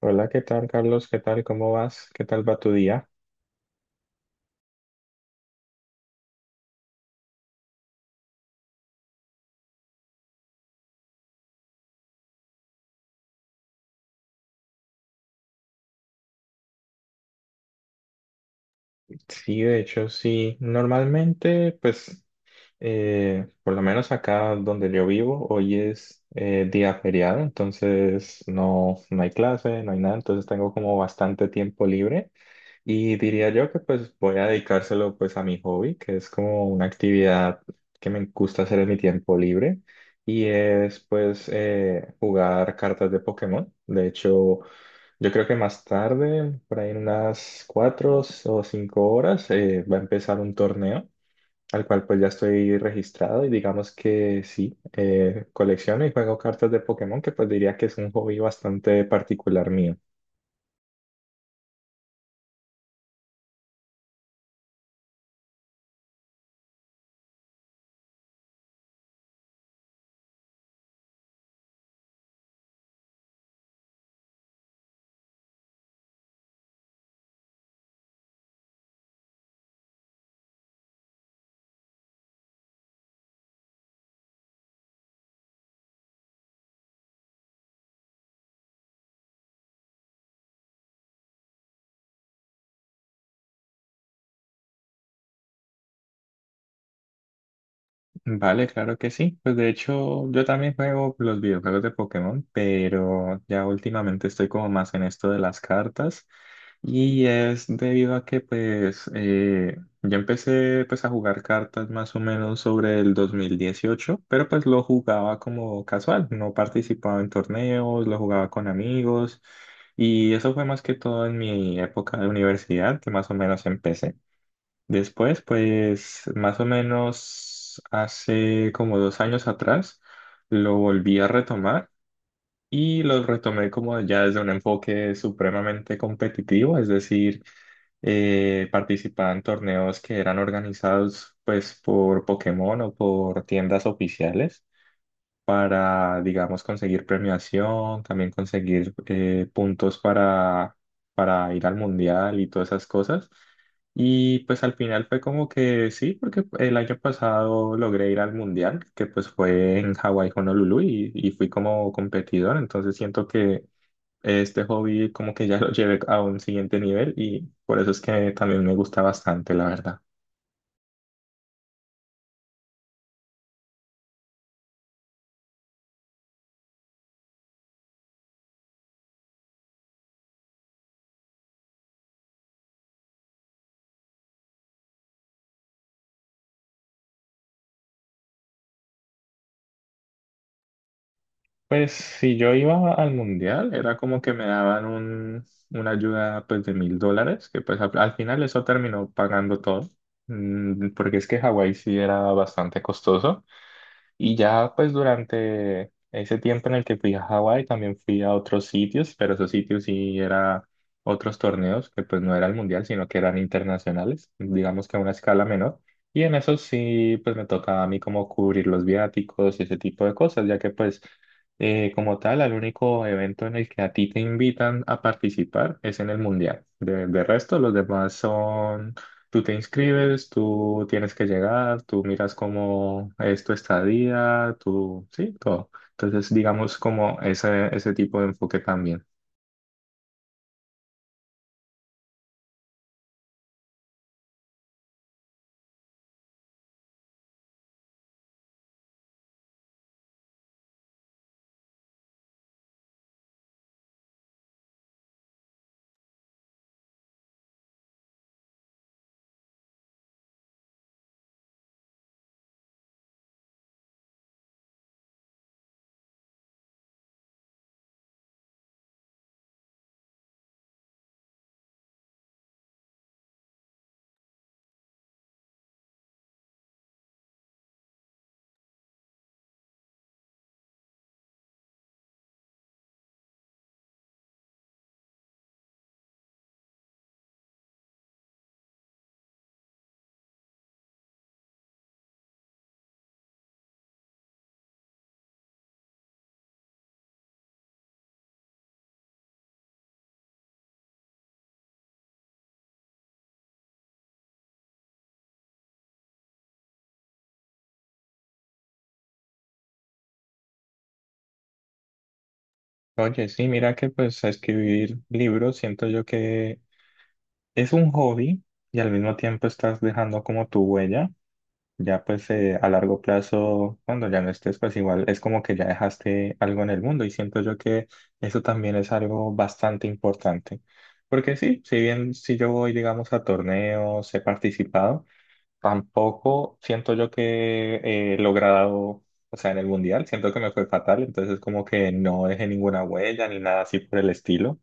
Hola, ¿qué tal, Carlos? ¿Qué tal? ¿Cómo vas? ¿Qué tal va tu día? Sí, de hecho, sí. Normalmente, pues, por lo menos acá donde yo vivo, hoy es día feriado, entonces no, no hay clase, no hay nada, entonces tengo como bastante tiempo libre y diría yo que pues voy a dedicárselo pues a mi hobby, que es como una actividad que me gusta hacer en mi tiempo libre y es pues jugar cartas de Pokémon. De hecho. Yo creo que más tarde, por ahí en unas 4 o 5 horas, va a empezar un torneo al cual pues ya estoy registrado y digamos que sí, colecciono y juego cartas de Pokémon, que pues diría que es un hobby bastante particular mío. Vale, claro que sí. Pues de hecho, yo también juego los videojuegos de Pokémon, pero ya últimamente estoy como más en esto de las cartas. Y es debido a que pues yo empecé pues a jugar cartas más o menos sobre el 2018, pero pues lo jugaba como casual, no participaba en torneos, lo jugaba con amigos. Y eso fue más que todo en mi época de universidad, que más o menos empecé. Después, pues más o menos hace como 2 años atrás, lo volví a retomar y lo retomé como ya desde un enfoque supremamente competitivo, es decir, participaba en torneos que eran organizados pues por Pokémon o por tiendas oficiales para, digamos, conseguir premiación, también conseguir puntos para ir al mundial y todas esas cosas. Y pues al final fue como que sí, porque el año pasado logré ir al mundial, que pues fue en Hawái, Honolulu, y fui como competidor, entonces siento que este hobby como que ya lo llevé a un siguiente nivel y por eso es que también me gusta bastante, la verdad. Pues si yo iba al mundial, era como que me daban una ayuda pues de $1.000, que pues al final eso terminó pagando todo, porque es que Hawái sí era bastante costoso. Y ya pues durante ese tiempo en el que fui a Hawái también fui a otros sitios, pero esos sitios sí era otros torneos que pues no era el mundial, sino que eran internacionales, digamos que a una escala menor. Y en eso sí pues me tocaba a mí como cubrir los viáticos y ese tipo de cosas, ya que pues como tal el único evento en el que a ti te invitan a participar es en el mundial. De resto los demás son. Tú te inscribes, tú tienes que llegar, tú miras cómo es tu estadía, tú, sí, todo. Entonces, digamos como ese tipo de enfoque también. Oye, sí, mira que pues escribir libros siento yo que es un hobby y al mismo tiempo estás dejando como tu huella. Ya pues a largo plazo, cuando ya no estés, pues igual es como que ya dejaste algo en el mundo y siento yo que eso también es algo bastante importante. Porque sí, si bien si yo voy, digamos, a torneos, he participado, tampoco siento yo que he logrado, o sea, en el mundial, siento que me fue fatal, entonces como que no dejé ninguna huella ni nada así por el estilo.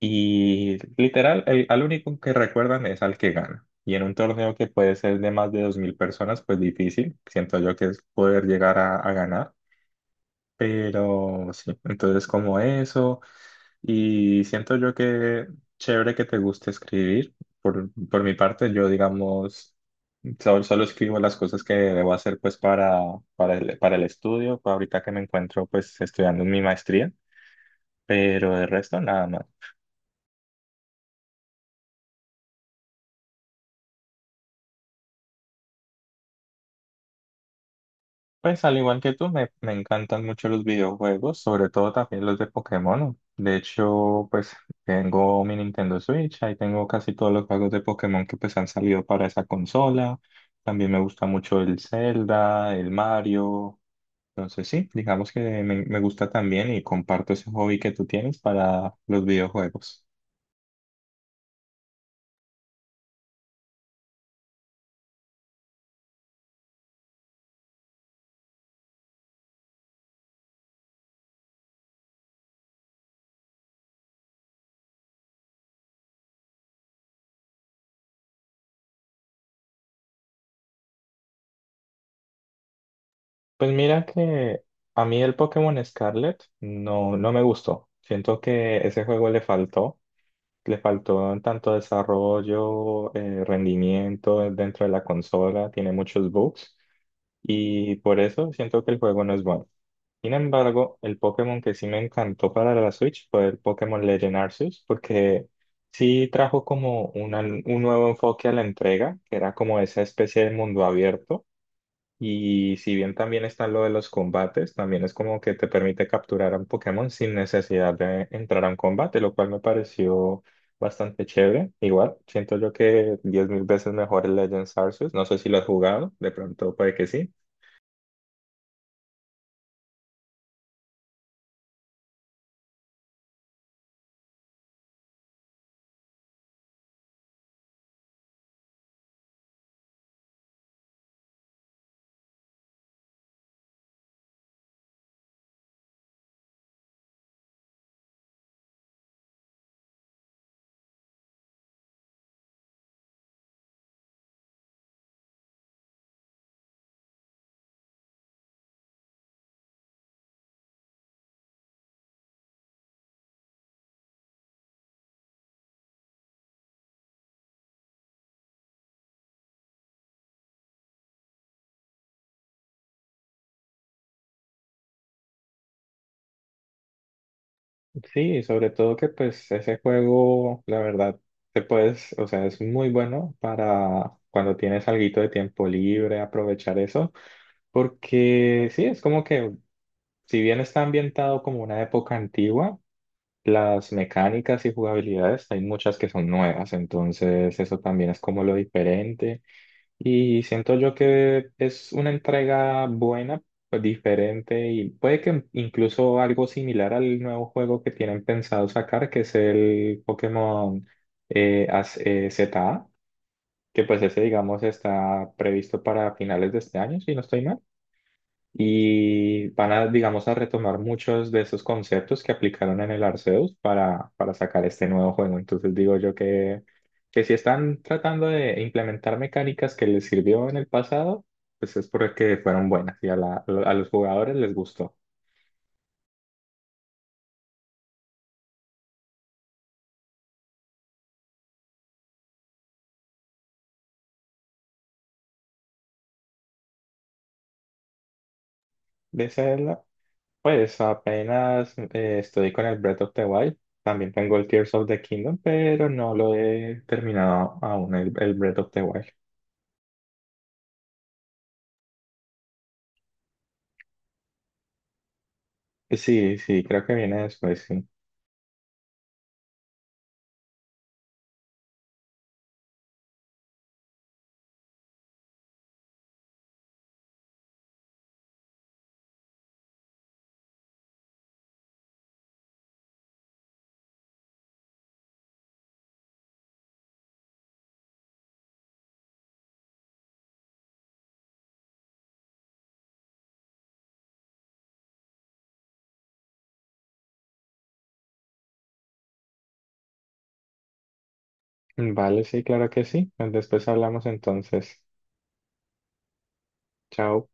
Y literal, al único que recuerdan es al que gana. Y en un torneo que puede ser de más de 2.000 personas, pues difícil, siento yo que es poder llegar a ganar. Pero sí, entonces como eso, y siento yo que chévere que te guste escribir. Por mi parte, yo digamos, solo escribo las cosas que debo hacer pues para, para el estudio, ahorita que me encuentro pues estudiando mi maestría, pero el resto nada más. Pues al igual que tú, me encantan mucho los videojuegos, sobre todo también los de Pokémon. De hecho, pues tengo mi Nintendo Switch, ahí tengo casi todos los juegos de Pokémon que pues han salido para esa consola. También me gusta mucho el Zelda, el Mario. Entonces sí, digamos que me gusta también y comparto ese hobby que tú tienes para los videojuegos. Pues mira que a mí el Pokémon Scarlet no, no me gustó. Siento que ese juego le faltó. Le faltó tanto desarrollo, rendimiento dentro de la consola, tiene muchos bugs y por eso siento que el juego no es bueno. Sin embargo, el Pokémon que sí me encantó para la Switch fue el Pokémon Legend Arceus, porque sí trajo como un nuevo enfoque a la entrega, que era como esa especie de mundo abierto y si bien también está lo de los combates, también es como que te permite capturar a un Pokémon sin necesidad de entrar a un combate, lo cual me pareció bastante chévere. Igual, siento yo que 10.000 veces mejor el Legends Arceus. No sé si lo has jugado, de pronto puede que sí. Sí, y sobre todo que pues ese juego, la verdad, te puedes, o sea, es muy bueno para cuando tienes alguito de tiempo libre, aprovechar eso, porque sí, es como que si bien está ambientado como una época antigua. Las mecánicas y jugabilidades, hay muchas que son nuevas, entonces eso también es como lo diferente. Y siento yo que es una entrega buena, pues, diferente y puede que incluso algo similar al nuevo juego que tienen pensado sacar, que es el Pokémon ZA, que pues ese digamos está previsto para finales de este año, si no estoy mal y van a, digamos, a retomar muchos de esos conceptos que aplicaron en el Arceus para sacar este nuevo juego. Entonces digo yo que si están tratando de implementar mecánicas que les sirvió en el pasado, pues es porque fueron buenas y a los jugadores les gustó. De Zelda, pues apenas estoy con el Breath of the Wild. También tengo el Tears of the Kingdom, pero no lo he terminado aún, el Breath of the Wild. Sí, sí, creo que viene después, sí. Vale, sí, claro que sí. Después hablamos entonces. Chao.